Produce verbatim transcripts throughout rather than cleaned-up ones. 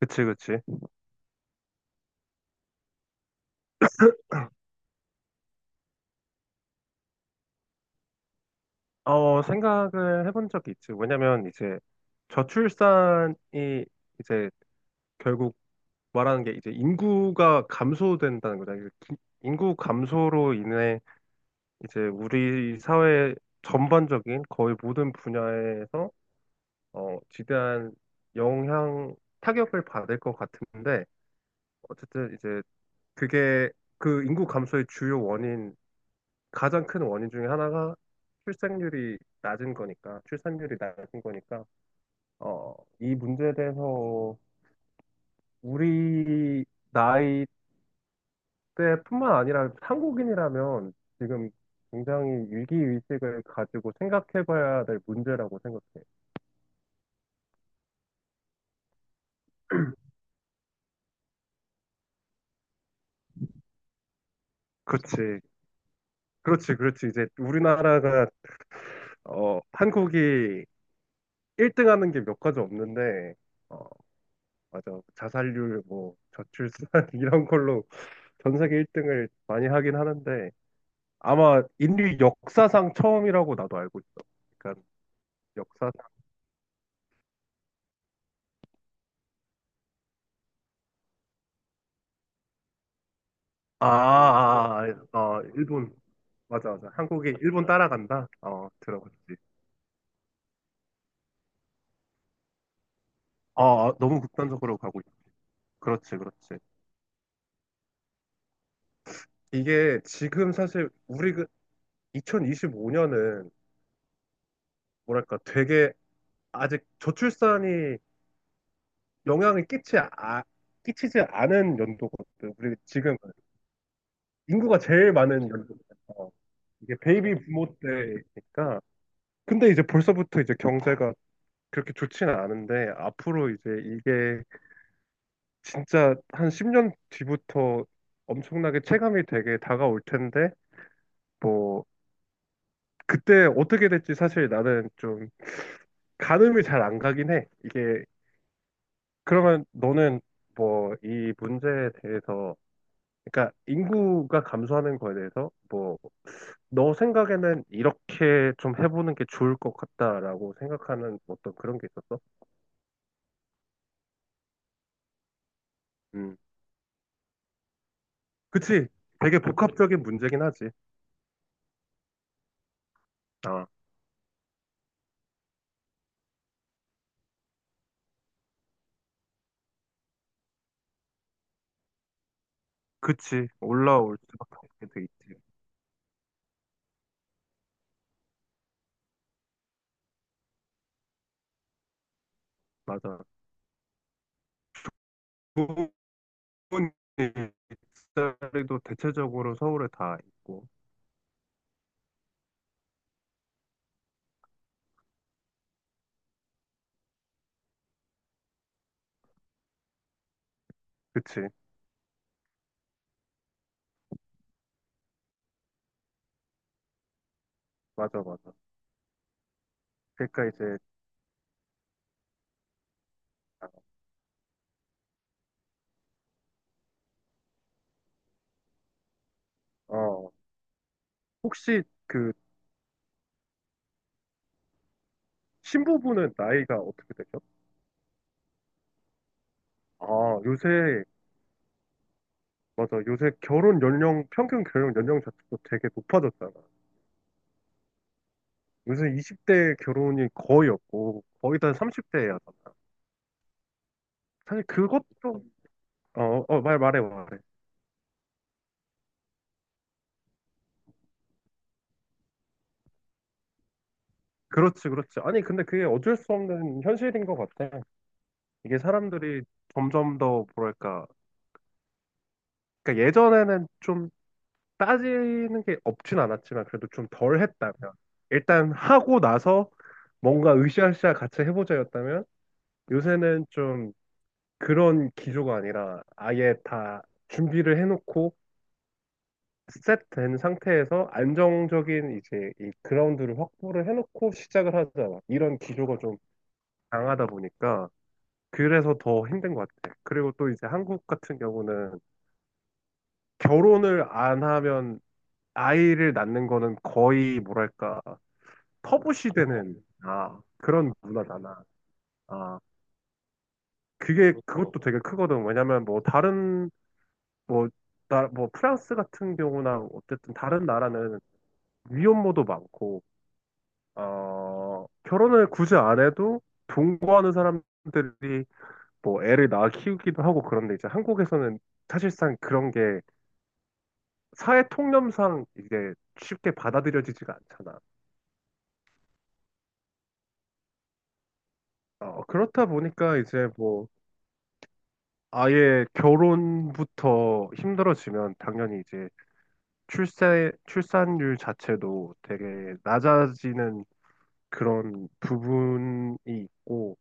그치, 그치. 어, 생각을 해본 적이 있지. 왜냐면 이제 저출산이 이제 결국 말하는 게 이제 인구가 감소된다는 거잖아. 인구 감소로 인해 이제 우리 사회 전반적인 거의 모든 분야에서 어, 지대한 영향, 타격을 받을 것 같은데 어쨌든 이제 그게 그 인구 감소의 주요 원인 가장 큰 원인 중에 하나가 출생률이 낮은 거니까, 출산율이 낮은 거니까, 어, 이 문제에 대해서 우리 나이 때뿐만 아니라 한국인이라면 지금 굉장히 위기의식을 가지고 생각해봐야 될 문제라고 생각해. 그렇지, 그렇지, 그렇지. 이제 우리나라가, 어, 한국이 일 등 하는 게 몇 가지 없는데, 어, 맞아. 자살률, 뭐, 저출산, 이런 걸로 전 세계 일 등을 많이 하긴 하는데, 아마 인류 역사상 처음이라고 나도 알고 있어. 그러니까 역사상 아, 아, 아, 어, 일본 맞아 맞아. 한국이 일본 따라간다. 어, 들어갔지. 아, 아, 너무 극단적으로 가고 있어. 그렇지, 그렇지. 이게 지금 사실 우리 그 이천이십오 년은 뭐랄까 되게 아직 저출산이 영향을 끼치 아, 끼치지 않은 연도거든. 우리 지금 인구가 제일 많은 연도거든. 어, 이게 베이비 부모 때니까 근데 이제 벌써부터 이제 경제가 그렇게 좋지는 않은데 앞으로 이제 이게 진짜 한 십 년 뒤부터 엄청나게 체감이 되게 다가올 텐데 뭐 그때 어떻게 될지 사실 나는 좀 가늠이 잘 안 가긴 해. 이게 그러면 너는 뭐 이 문제에 대해서 그러니까 인구가 감소하는 거에 대해서 뭐 너 생각에는 이렇게 좀 해보는 게 좋을 것 같다라고 생각하는 어떤 그런 게 있었어? 음. 그치. 되게 복합적인 문제긴 하지. 아, 그치. 올라올 수밖에 돼 있지. 맞아. 부모님 일자리도 대체적으로 서울에 다 있고. 그치. 맞아, 맞아. 그러니까 이제, 아, 어, 혹시 그 신부분은 나이가 어떻게 되죠? 아, 요새, 맞아. 요새 결혼 연령, 평균 결혼 연령 자체도 되게 높아졌잖아. 요새 이십 대 결혼이 거의 없고, 거의 다 삼십 대야. 사실 그것도, 어, 어, 말, 말해, 말해. 그렇지, 그렇지. 아니, 근데 그게 어쩔 수 없는 현실인 것 같아. 이게 사람들이 점점 더, 뭐랄까. 그러니까 예전에는 좀 따지는 게 없진 않았지만, 그래도 좀 덜 했다면. 일단 하고 나서 뭔가 으쌰으쌰 같이 해보자였다면, 요새는 좀 그런 기조가 아니라 아예 다 준비를 해놓고, 셋된 상태에서 안정적인 이제 이 그라운드를 확보를 해놓고 시작을 하잖아. 이런 기조가 좀 강하다 보니까. 그래서 더 힘든 것 같아. 그리고 또 이제 한국 같은 경우는 결혼을 안 하면 아이를 낳는 거는 거의 뭐랄까 터부시 되는 아 그런 문화잖아. 아 그게 그것도 되게 크거든. 왜냐면 뭐 다른 뭐 나 뭐 프랑스 같은 경우나 어쨌든 다른 나라는 위혼모도 많고 어 결혼을 굳이 안 해도 동거하는 사람들이 뭐 애를 낳아 키우기도 하고 그런데 이제 한국에서는 사실상 그런 게 사회 통념상 이게 쉽게 받아들여지지가 않잖아. 어, 그렇다 보니까 이제 뭐 아예 결혼부터 힘들어지면 당연히 이제 출세, 출산율 자체도 되게 낮아지는 그런 부분이 있고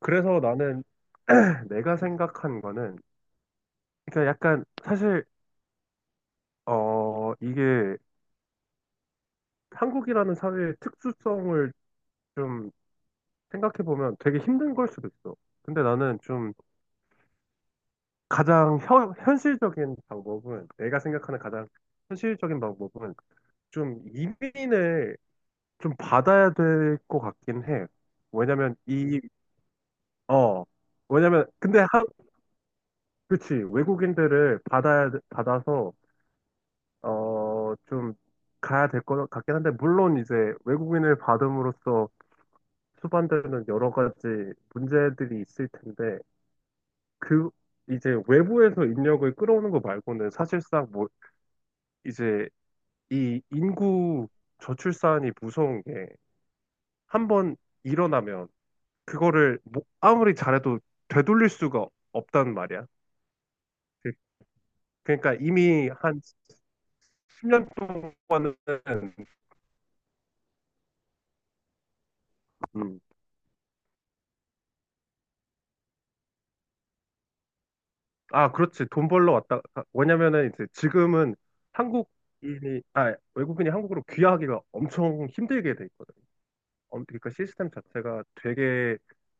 그래서 나는 내가 생각한 거는 그러니까 약간 사실 어 이게 한국이라는 사회의 특수성을 좀 생각해 보면 되게 힘든 걸 수도 있어. 근데 나는 좀 가장 현, 현실적인 방법은 내가 생각하는 가장 현실적인 방법은 좀 이민을 좀 받아야 될 것 같긴 해. 왜냐면 이, 어, 왜냐면 근데 한, 그치 외국인들을 받아야 받아서 어, 좀 가야 될 것 같긴 한데 물론 이제 외국인을 받음으로써 수반되는 여러 가지 문제들이 있을 텐데 그 이제 외부에서 인력을 끌어오는 거 말고는 사실상 뭐 이제 이 인구 저출산이 무서운 게 한 번 일어나면 그거를 뭐 아무리 잘해도 되돌릴 수가 없단 말이야. 그- 그러니까 이미 한 십 년 동안은 음, 아 그렇지 돈 벌러 왔다. 아, 왜냐면은 이제 지금은 한국인이 아 외국인이 한국으로 귀화하기가 엄청 힘들게 돼 있거든. 엄- 그러니까 시스템 자체가 되게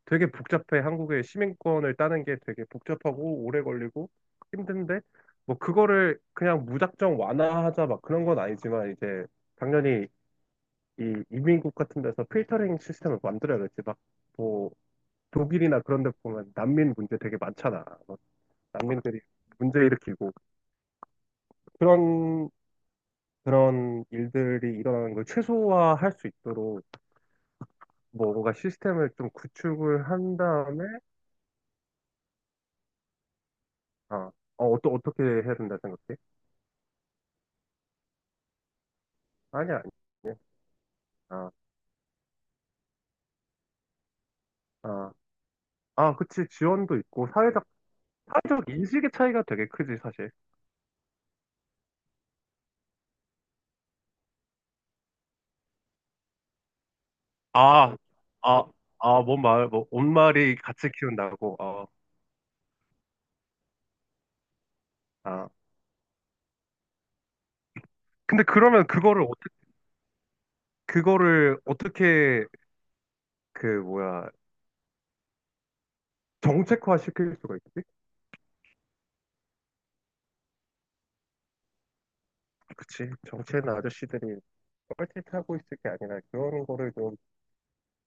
되게 복잡해. 한국의 시민권을 따는 게 되게 복잡하고 오래 걸리고 힘든데 뭐 그거를 그냥 무작정 완화하자 막 그런 건 아니지만 이제 당연히 이 이민국 같은 데서 필터링 시스템을 만들어야겠지. 막 뭐 독일이나 그런 데 보면 난민 문제 되게 많잖아. 뭐 난민들이 문제 일으키고 그런 그런 일들이 일어나는 걸 최소화할 수 있도록 뭐 뭔가 시스템을 좀 구축을 한 다음에 어, 어, 어떠, 어떻게 해야 된다 생각해? 아니야, 아니야. 아, 아, 아, 그치. 지원도 있고, 사회적, 사회적 인식의 차이가 되게 크지, 사실. 아, 아, 아, 뭔 말, 뭐, 온말이 같이 키운다고, 어, 아. 근데 그러면 그거를, 어떻게, 그거를 어떻게, 그, 뭐야, 정책화 시킬 수가 있지? 그치. 정치하는 아저씨들이 뻘짓하고 있을 게 아니라 그런 거를 좀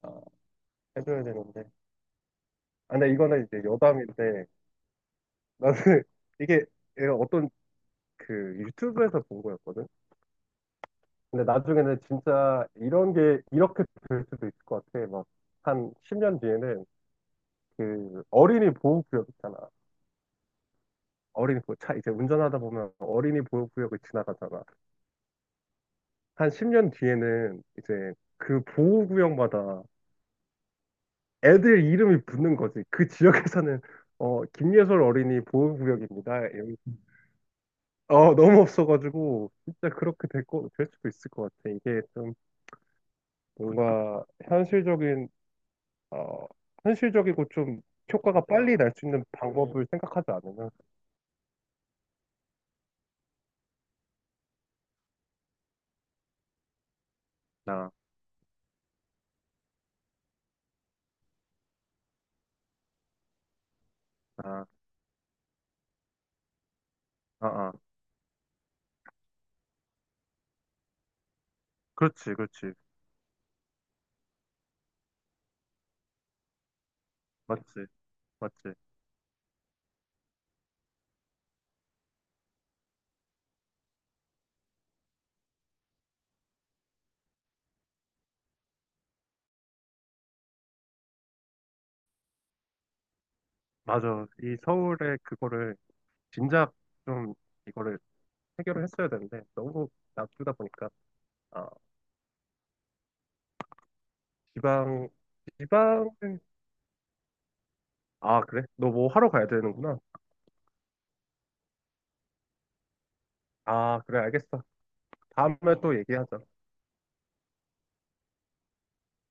아, 해줘야 되는데. 아, 근데 이거는 이제 여담인데 나는 이게 얘가 어떤 그 유튜브에서 본 거였거든. 근데 나중에는 진짜 이런 게 이렇게 될 수도 있을 것 같아. 막 한 십 년 뒤에는 그 어린이 보호구역 있잖아. 어린이 보호, 차 이제 운전하다 보면 어린이 보호구역을 지나가잖아. 한 십 년 뒤에는 이제 그 보호구역마다 애들 이름이 붙는 거지. 그 지역에서는 어 김예솔 어린이 보호구역입니다. 이러면서 어 너무 없어가지고 진짜 그렇게 될 거, 될 수도 있을 것 같아. 이게 좀 뭔가 현실적인 어, 현실적이고 좀 효과가 빨리 날 수 있는 방법을 생각하지 않으면 나, 나, 아, 아, 그렇지, 그렇지, 맞지, 맞지, 맞아. 이 서울에 그거를 진작 좀 이거를 해결을 했어야 되는데 너무 놔두다 보니까 아, 지방, 지방은 아, 그래? 너 뭐 하러 가야 되는구나. 아, 그래, 알겠어. 다음에 또 얘기하자.